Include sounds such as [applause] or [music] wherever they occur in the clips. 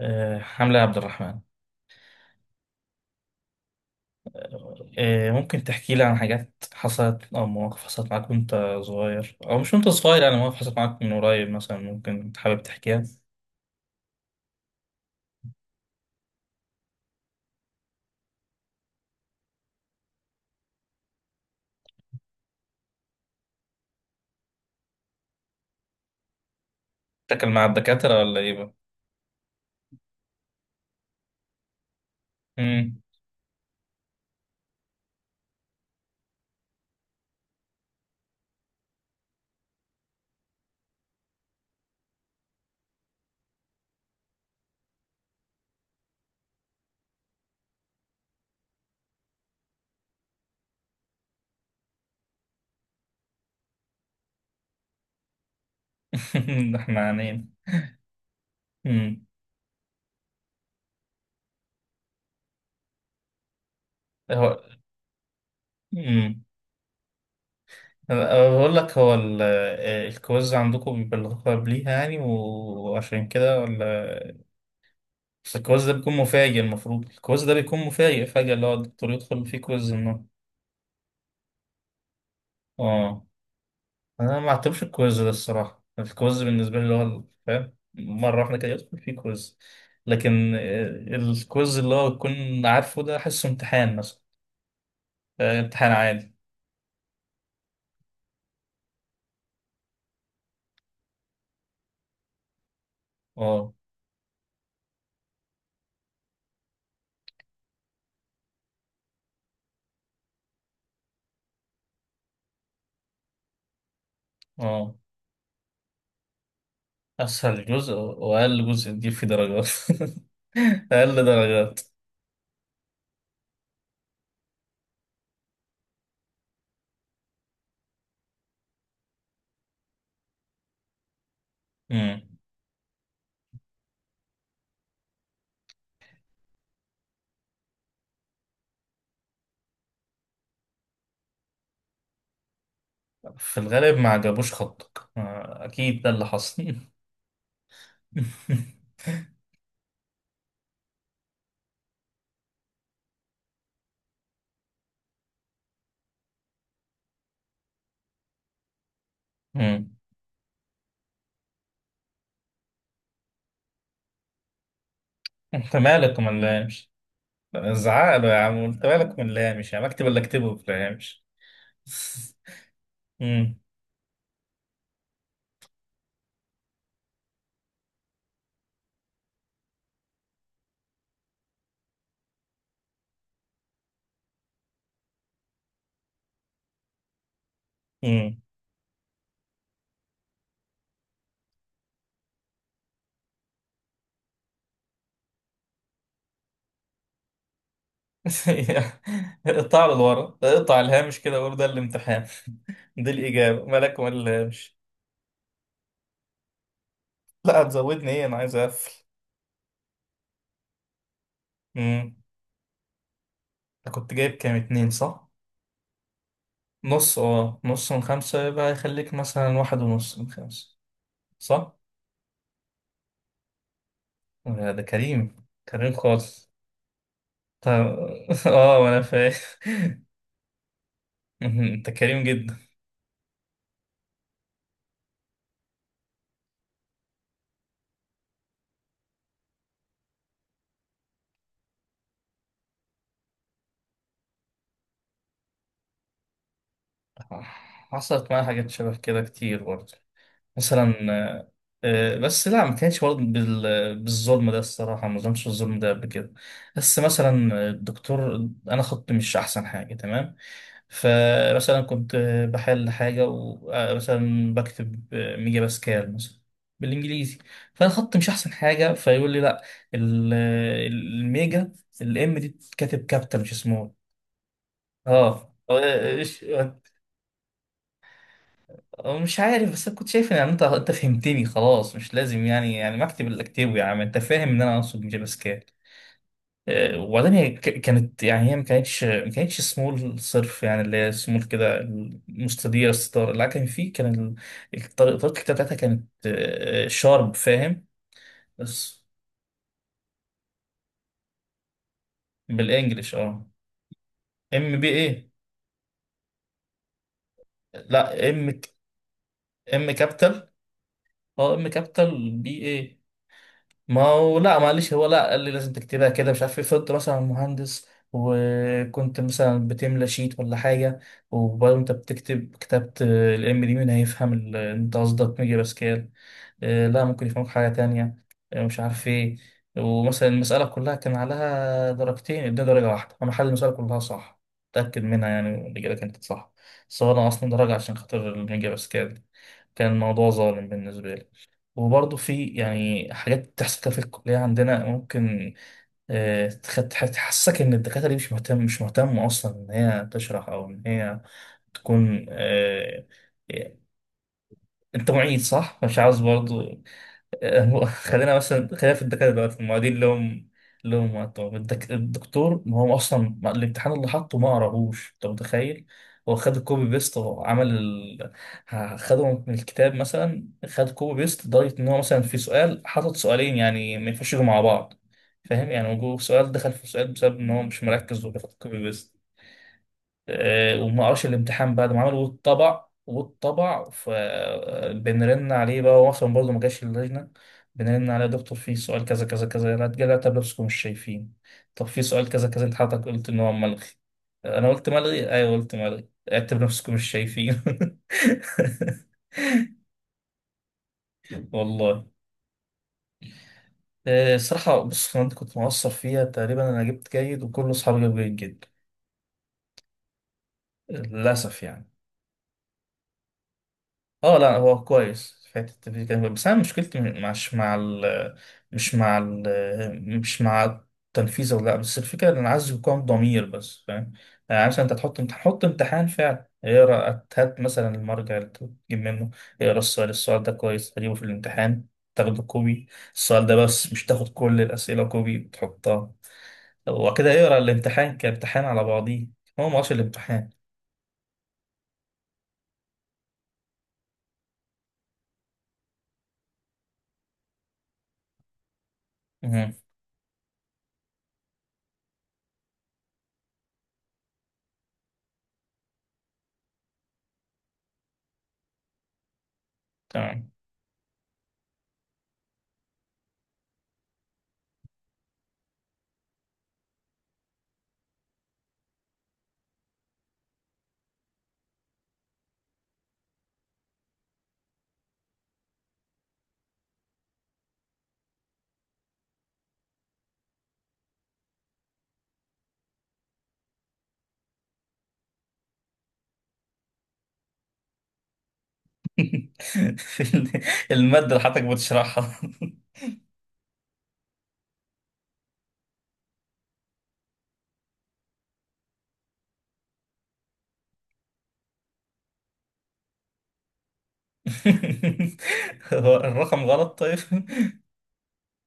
حملة عبد الرحمن. ممكن تحكي لي عن حاجات حصلت أو مواقف حصلت معاك وأنت صغير، أو مش وأنت صغير، يعني مواقف حصلت معاك من قريب مثلا ممكن حابب تحكيها. تاكل مع الدكاترة ولا إيه بقى؟ مم. [laughs] ده إحنا عانين. مم. هو. مم. أنا بقول لك، هو الكويز عندكم بيبلغوكوا قبليها يعني وعشان كده، ولا بس الكويز ده بيكون مفاجئ؟ المفروض الكويز ده بيكون مفاجئ فجأة، اللي هو الدكتور يدخل فيه كويز إنه. آه، انا ما اعتبرش الكويز ده الصراحه، يعني الكويز بالنسبه لي اللي هو فاهم، مره واحده كده يدخل فيه كويز. لكن الكويز اللي هو تكون عارفه، ده احسه امتحان مثلا. امتحان عادي. اه، اه. اسهل جزء واقل جزء تجيب فيه درجات. [laughs] اقل درجات. مم. في الغالب ما عجبوش خطك، اكيد ده اللي حصل. [laughs] مم. انت مالك وما نلامش. زعق له: يا عم انت مالك وما نلامش يا مكتب، اللي اكتبه ما نلامش. امم. امم. [laughs] اقطع له لورا، اقطع الهامش كده وقول ده الامتحان، دي الإجابة، مالك وما الهامش. لا، هتزودني ايه؟ انا عايز اقفل. امم. أنت كنت جايب كام، اتنين صح؟ نص؟ اه، نص من خمسة، يبقى يخليك مثلا واحد ونص من خمسة صح؟ لا، ده كريم، كريم خالص. طب. [laughs] اه، وانا فاهم. [laughs] انت كريم جدا. حصلت معايا حاجات شبه كده كتير برضه. مثلا بس لا، ما كانش برضه بالظلم ده الصراحة، ما ظلمش الظلم ده قبل كده. بس مثلا الدكتور، أنا خطي مش أحسن حاجة تمام، فمثلا كنت بحل حاجة ومثلا بكتب ميجا باسكال مثلا، بالإنجليزي. فأنا خطي مش أحسن حاجة، فيقول لي لا، ال- الميجا، الام دي بتتكتب كابيتال مش سمول. اه. مش عارف، بس أنا كنت شايف ان يعني انت فهمتني خلاص، مش لازم يعني، يعني ما اكتب اللي اكتبه، يا عم انت فاهم ان انا اقصد جافا سكريبت. وبعدين هي كانت، يعني هي ما كانتش سمول صرف، يعني اللي هي سمول كده مستديره الستار، لا كان في، كان الطريقه، طريقة الكتابه بتاعتها كانت شارب، فاهم. بس بالانجلش اه. ام بي اي. لا، ام. ام كابيتال. اه، ام كابيتال بي. ما هو لا معلش، هو لا، قال لي لازم تكتبها كده مش عارف ايه، فضلت مثلا مهندس وكنت مثلا بتملى شيت ولا حاجة، وبرضه انت بتكتب، كتبت الام دي مين هيفهم انت قصدك ميجا باسكال؟ لا، ممكن يفهمك حاجة تانية، مش عارف ايه. ومثلا المسألة كلها كان عليها درجتين، اديني درجة واحدة. انا حل المسألة كلها صح، متأكد منها، يعني الإجابة كانت صح، بس هو أنا أصلا درجة عشان خاطر الميجا باسكال. كان الموضوع ظالم بالنسبة لي. وبرضه في يعني حاجات بتحصل كده في الكلية عندنا، ممكن تحسسك إن الدكاترة دي مش مهتمة أصلا إن هي تشرح، أو إن هي تكون آه، أنت معيد صح؟ مش عاوز برضه. [laughs] هو خلينا مثلا، خلينا في الدكاترة دلوقتي، المعيدين لهم وقتهم. الدكتور، ما هو أصلا الامتحان اللي حطه ما قراهوش، أنت متخيل؟ هو خد الكوبي بيست، هو عمل خده من الكتاب مثلا، خد كوبي بيست، لدرجة إن هو مثلا في سؤال حاطط سؤالين يعني ما ينفعش يجوا مع بعض، فاهم يعني، وجوه سؤال دخل في سؤال بسبب إن هو مش مركز وبياخد كوبي بيست. وما قراش الامتحان بعد ما عمله والطبع والطبع، فبنرن عليه بقى، هو اصلا برضه ما جاش اللجنه. بنرن عليه: يا دكتور في سؤال كذا كذا كذا، لا تجلى، طب لابسكم مش شايفين؟ طب في سؤال كذا كذا انت حضرتك قلت ان هو ملغي. انا قلت ملغي، ايوه قلت ملغي، اعتبر نفسكم مش شايفين. [laughs] والله. الصراحه بص، انا كنت مقصر فيها تقريبا، انا جبت جيد وكل اصحابي جابوا جيد جدا، للاسف يعني. اه، لا هو كويس، في حته التنفيذ كان كويس. بس انا مشكلتي مش مع التنفيذ ولا لا، بس الفكره ان انا عايز يكون ضمير بس، فاهم يعني. مثلا انت تحط، تحط امتحان فعلا، اقرا، هات مثلا المرجع اللي تجيب منه، اقرا السؤال، السؤال ده كويس تجيبه في الامتحان، تاخده كوبي، السؤال ده بس، مش تاخد كل الاسئله كوبي وتحطها وكده. اقرا الامتحان كامتحان على بعضيه، هو ما هوش الامتحان. مهم. تمام. [laughs] المادة اللي حضرتك بتشرحها. [laughs] هو الرقم غلط طيب؟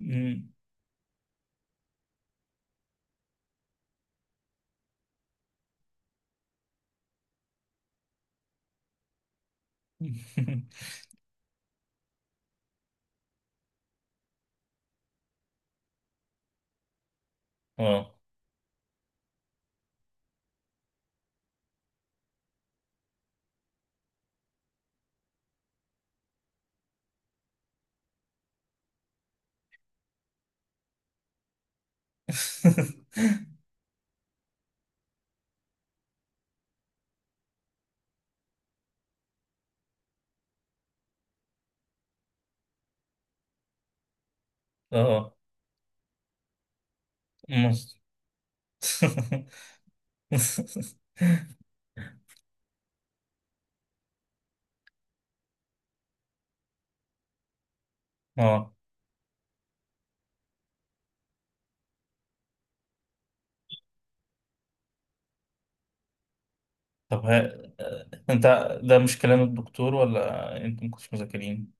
مم. [laughs] اه. [laughs] اه. مص- [laughs] اه. طب ها، انت، ده مش كلام الدكتور، ولا انتوا مكنتوش مذاكرين؟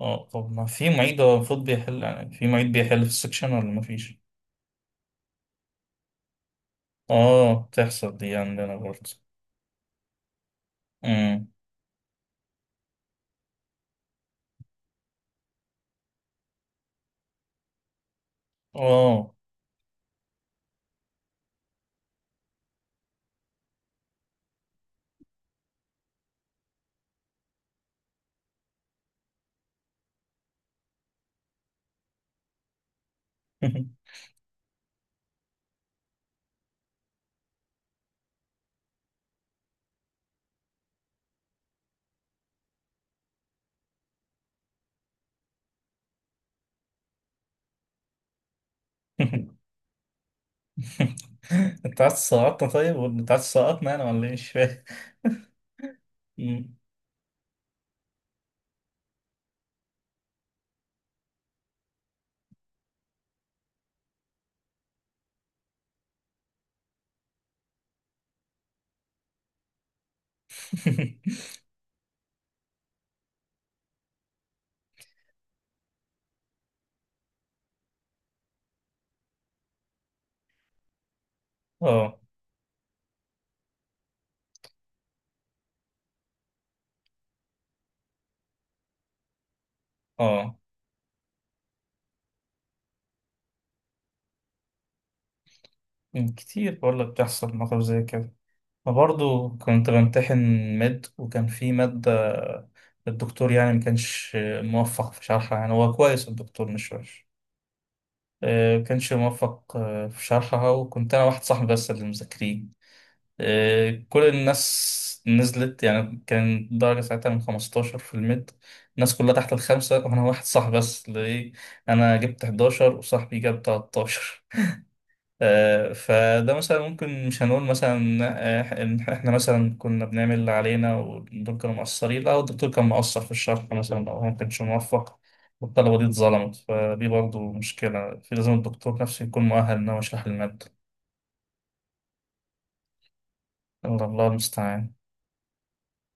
اه طب ما في معيد؟ هو المفروض بيحل، يعني في معيد بيحل في السكشن ولا ما فيش؟ اه بتحصل دي عندنا برضه. امم. اه. [laughs] [laughs] انت عايز تسقطنا طيب؟ ولا انت عايز تسقطنا انا ولا ايه؟ مش فاهم. مم. [laughs] اه، اه. مم، كتير بقول لك بتحصل مواقف زي كده، برضه كنت بمتحن مد، وكان في مادة، الدكتور يعني ما كانش موفق في شرحها، يعني هو كويس الدكتور مش وحش، ما كانش موفق في شرحها. وكنت انا واحد صاحبي بس اللي مذاكرين، كل الناس نزلت، يعني كان درجة ساعتها من 15 في الميد، الناس كلها تحت الخمسة، وأنا واحد صاحبي بس ليه، أنا جبت 11 وصاحبي جاب 13. فده مثلا ممكن مش هنقول مثلا إن إحنا مثلا كنا بنعمل اللي علينا والدكتور كانوا مقصرين، لا الدكتور كان مقصر في الشرح مثلا، أو هو ما كانش موفق، والطلبة دي اتظلمت، فدي برضه مشكلة. في لازم الدكتور نفسه يكون مؤهل إن هو يشرح المادة. الله، الله المستعان.